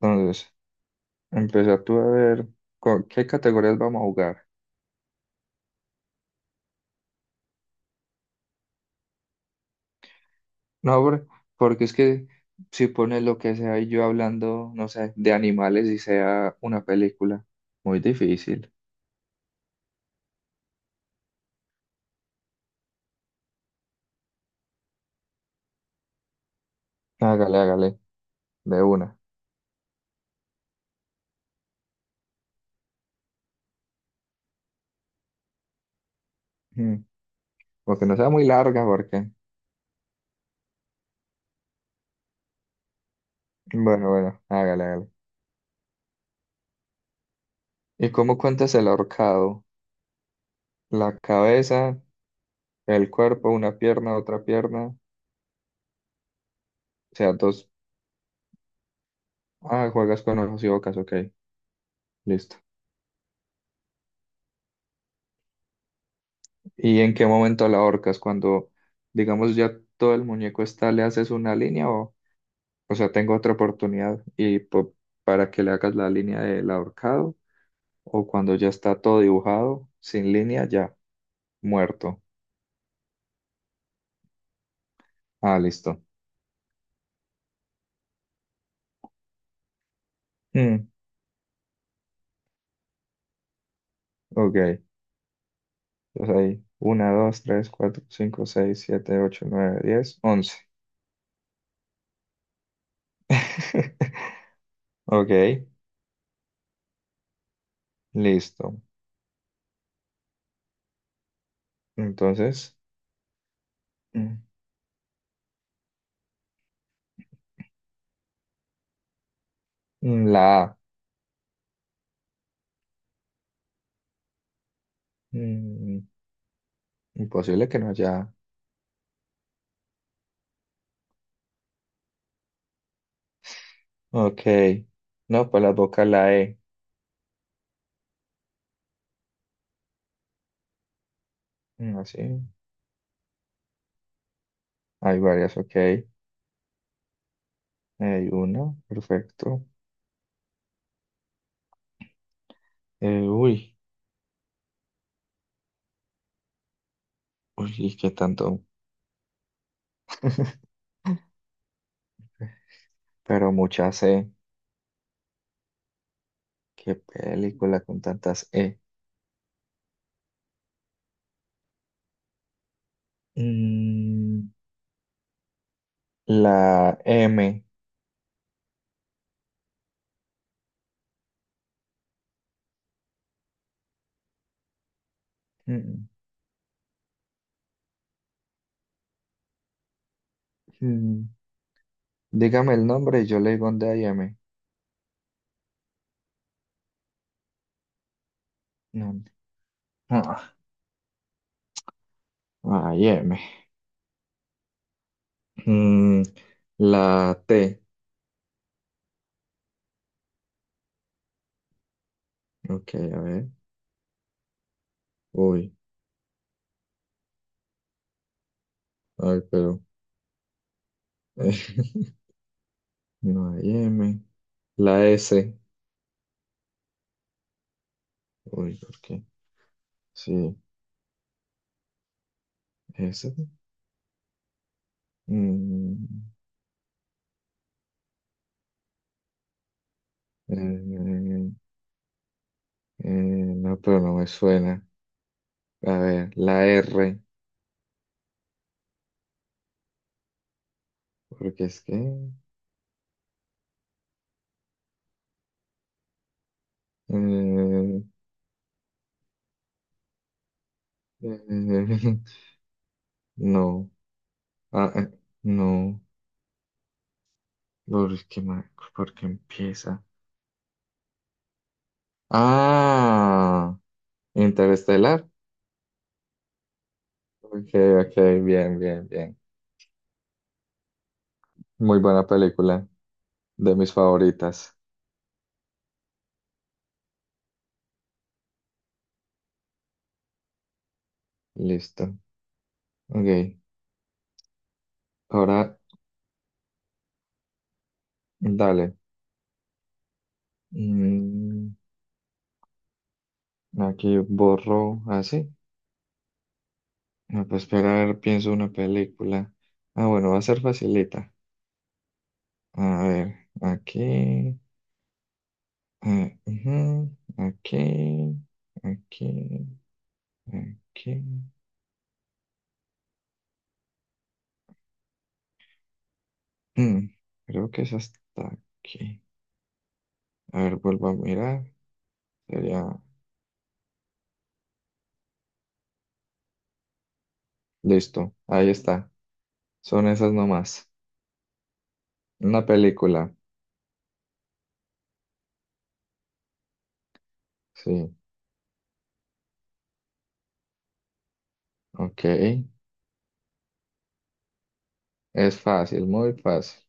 Entonces, empieza tú a ver qué categorías vamos a jugar. No, porque es que si pones lo que sea y yo hablando, no sé, de animales y sea una película, muy difícil. Hágale, hágale, de una. Mm, Porque no sea muy larga, porque. Bueno, bueno, hágale, hágale. ¿Y cómo cuentas el ahorcado? La cabeza, el cuerpo, una pierna, otra pierna, o sea, dos. Ah, juegas con ojos y bocas, ok, listo. ¿Y en qué momento la ahorcas? Cuando, digamos, ya todo el muñeco está, le haces una línea o sea, tengo otra oportunidad y para que le hagas la línea del ahorcado o cuando ya está todo dibujado, sin línea, ya, muerto. Ah, listo. Mm, ok. Entonces ahí, uno dos tres cuatro cinco seis siete ocho nueve 10 11 Ok, listo. Entonces, mm, la A. Mm, imposible que no haya. Ok. No, pues las boca la E. Así. Hay varias, ok. Hay una, perfecto. Uy, uy, ¿y qué tanto? Pero muchas E. Qué película con tantas E. Mm, la M. Mm, mm. Dígame el nombre y yo le digo dónde hay M. No. Ah, hay M. Mm, la T. Ok, a ver. Uy, ay, pero. No hay M. La S. Uy, ¿por qué? Sí, S. Mm, eh, eh, no, pero no me suena. A ver, la R. Porque es que... eh, no. Ah, no. ¿Por qué, ma- por qué empieza? Ah, Interestelar. Ok, ok, bien, bien, bien. Muy buena película. De mis favoritas. Listo. Ok, ahora dale. Mm, aquí borro así. Me puedo esperar, pienso una película. Ah, bueno, va a ser facilita. A ver, aquí, ujú, aquí, aquí, aquí. Mm, creo que es hasta aquí. A ver, vuelvo a mirar. Sería, listo, ahí está. Son esas nomás. Una película. Sí, ok. Es fácil, muy fácil.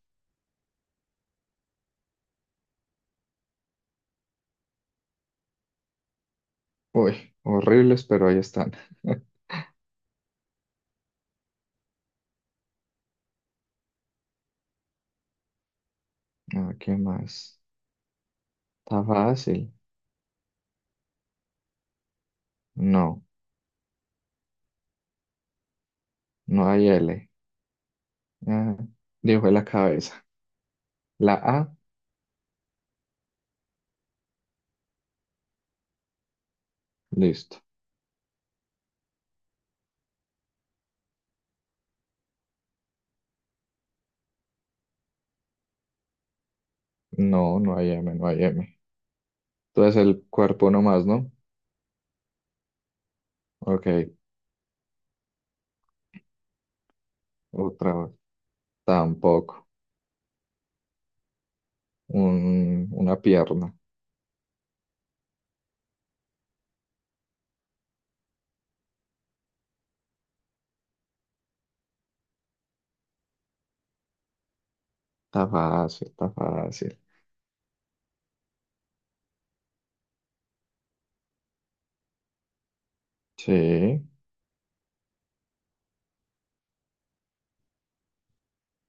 Uy, horribles, pero ahí están. Ah, ¿qué más? Está fácil. No, no hay L. Ah, dijo la cabeza. La A, listo. No, no hay M, no hay M. Entonces el cuerpo nomás, ¿no? Ok, otra vez. Tampoco. Una pierna. Está fácil, está fácil. Sí,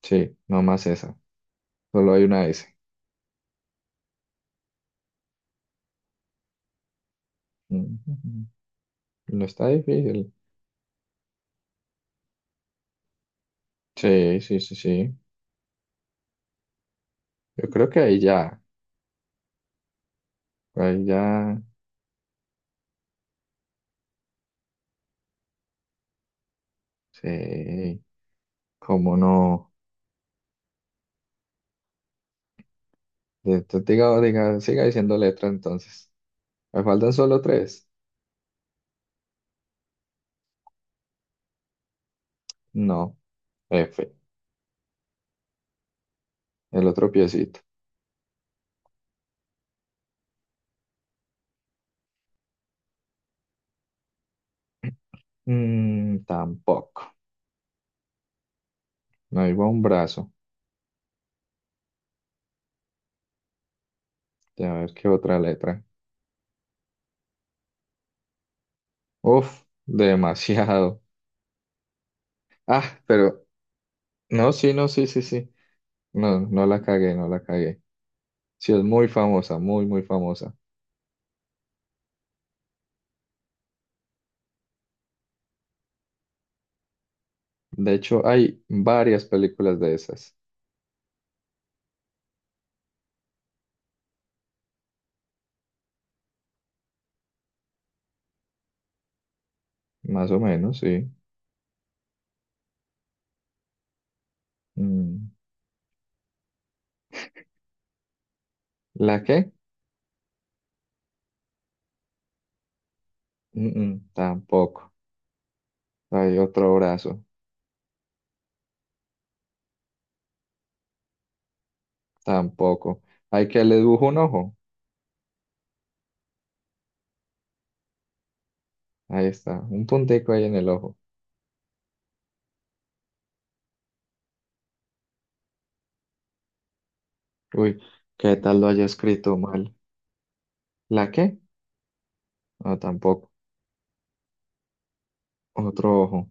sí, nomás esa. Solo hay una S. Ujú. No está difícil. Sí, sí, sí, sí. Yo creo que ahí ya. Ahí ya. Sí, cómo no. Diga, diga, siga diciendo letra entonces. ¿Me faltan solo tres? No. F. El otro piecito. Tampoco. No iba un brazo. A ver qué otra letra. Uf, demasiado. Ah, pero no, sí, no, sí, sí, sí. No, no la cagué, no la cagué. Sí, es muy famosa, muy, muy famosa. De hecho, hay varias películas de esas. Más o menos, sí. Mm, ¿La qué? Mm, tampoco. Hay otro brazo. Tampoco. Hay que le dibujo un ojo. Ahí está, un puntico ahí en el ojo. Uy, ¿qué tal lo haya escrito mal? ¿La qué? No, tampoco. Otro ojo.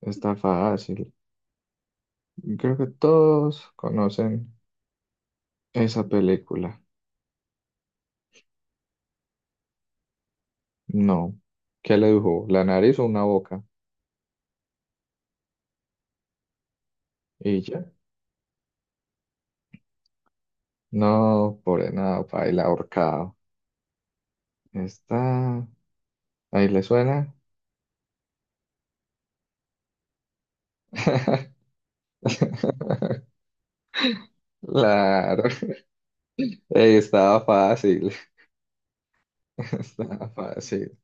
Está fácil. Creo que todos conocen esa película. No. ¿Qué le dibujó? ¿La nariz o una boca? ¿Y ya? No, por nada, baila ahorcado. Está. ¿Ahí le suena? Claro. Ey, estaba fácil. Estaba fácil.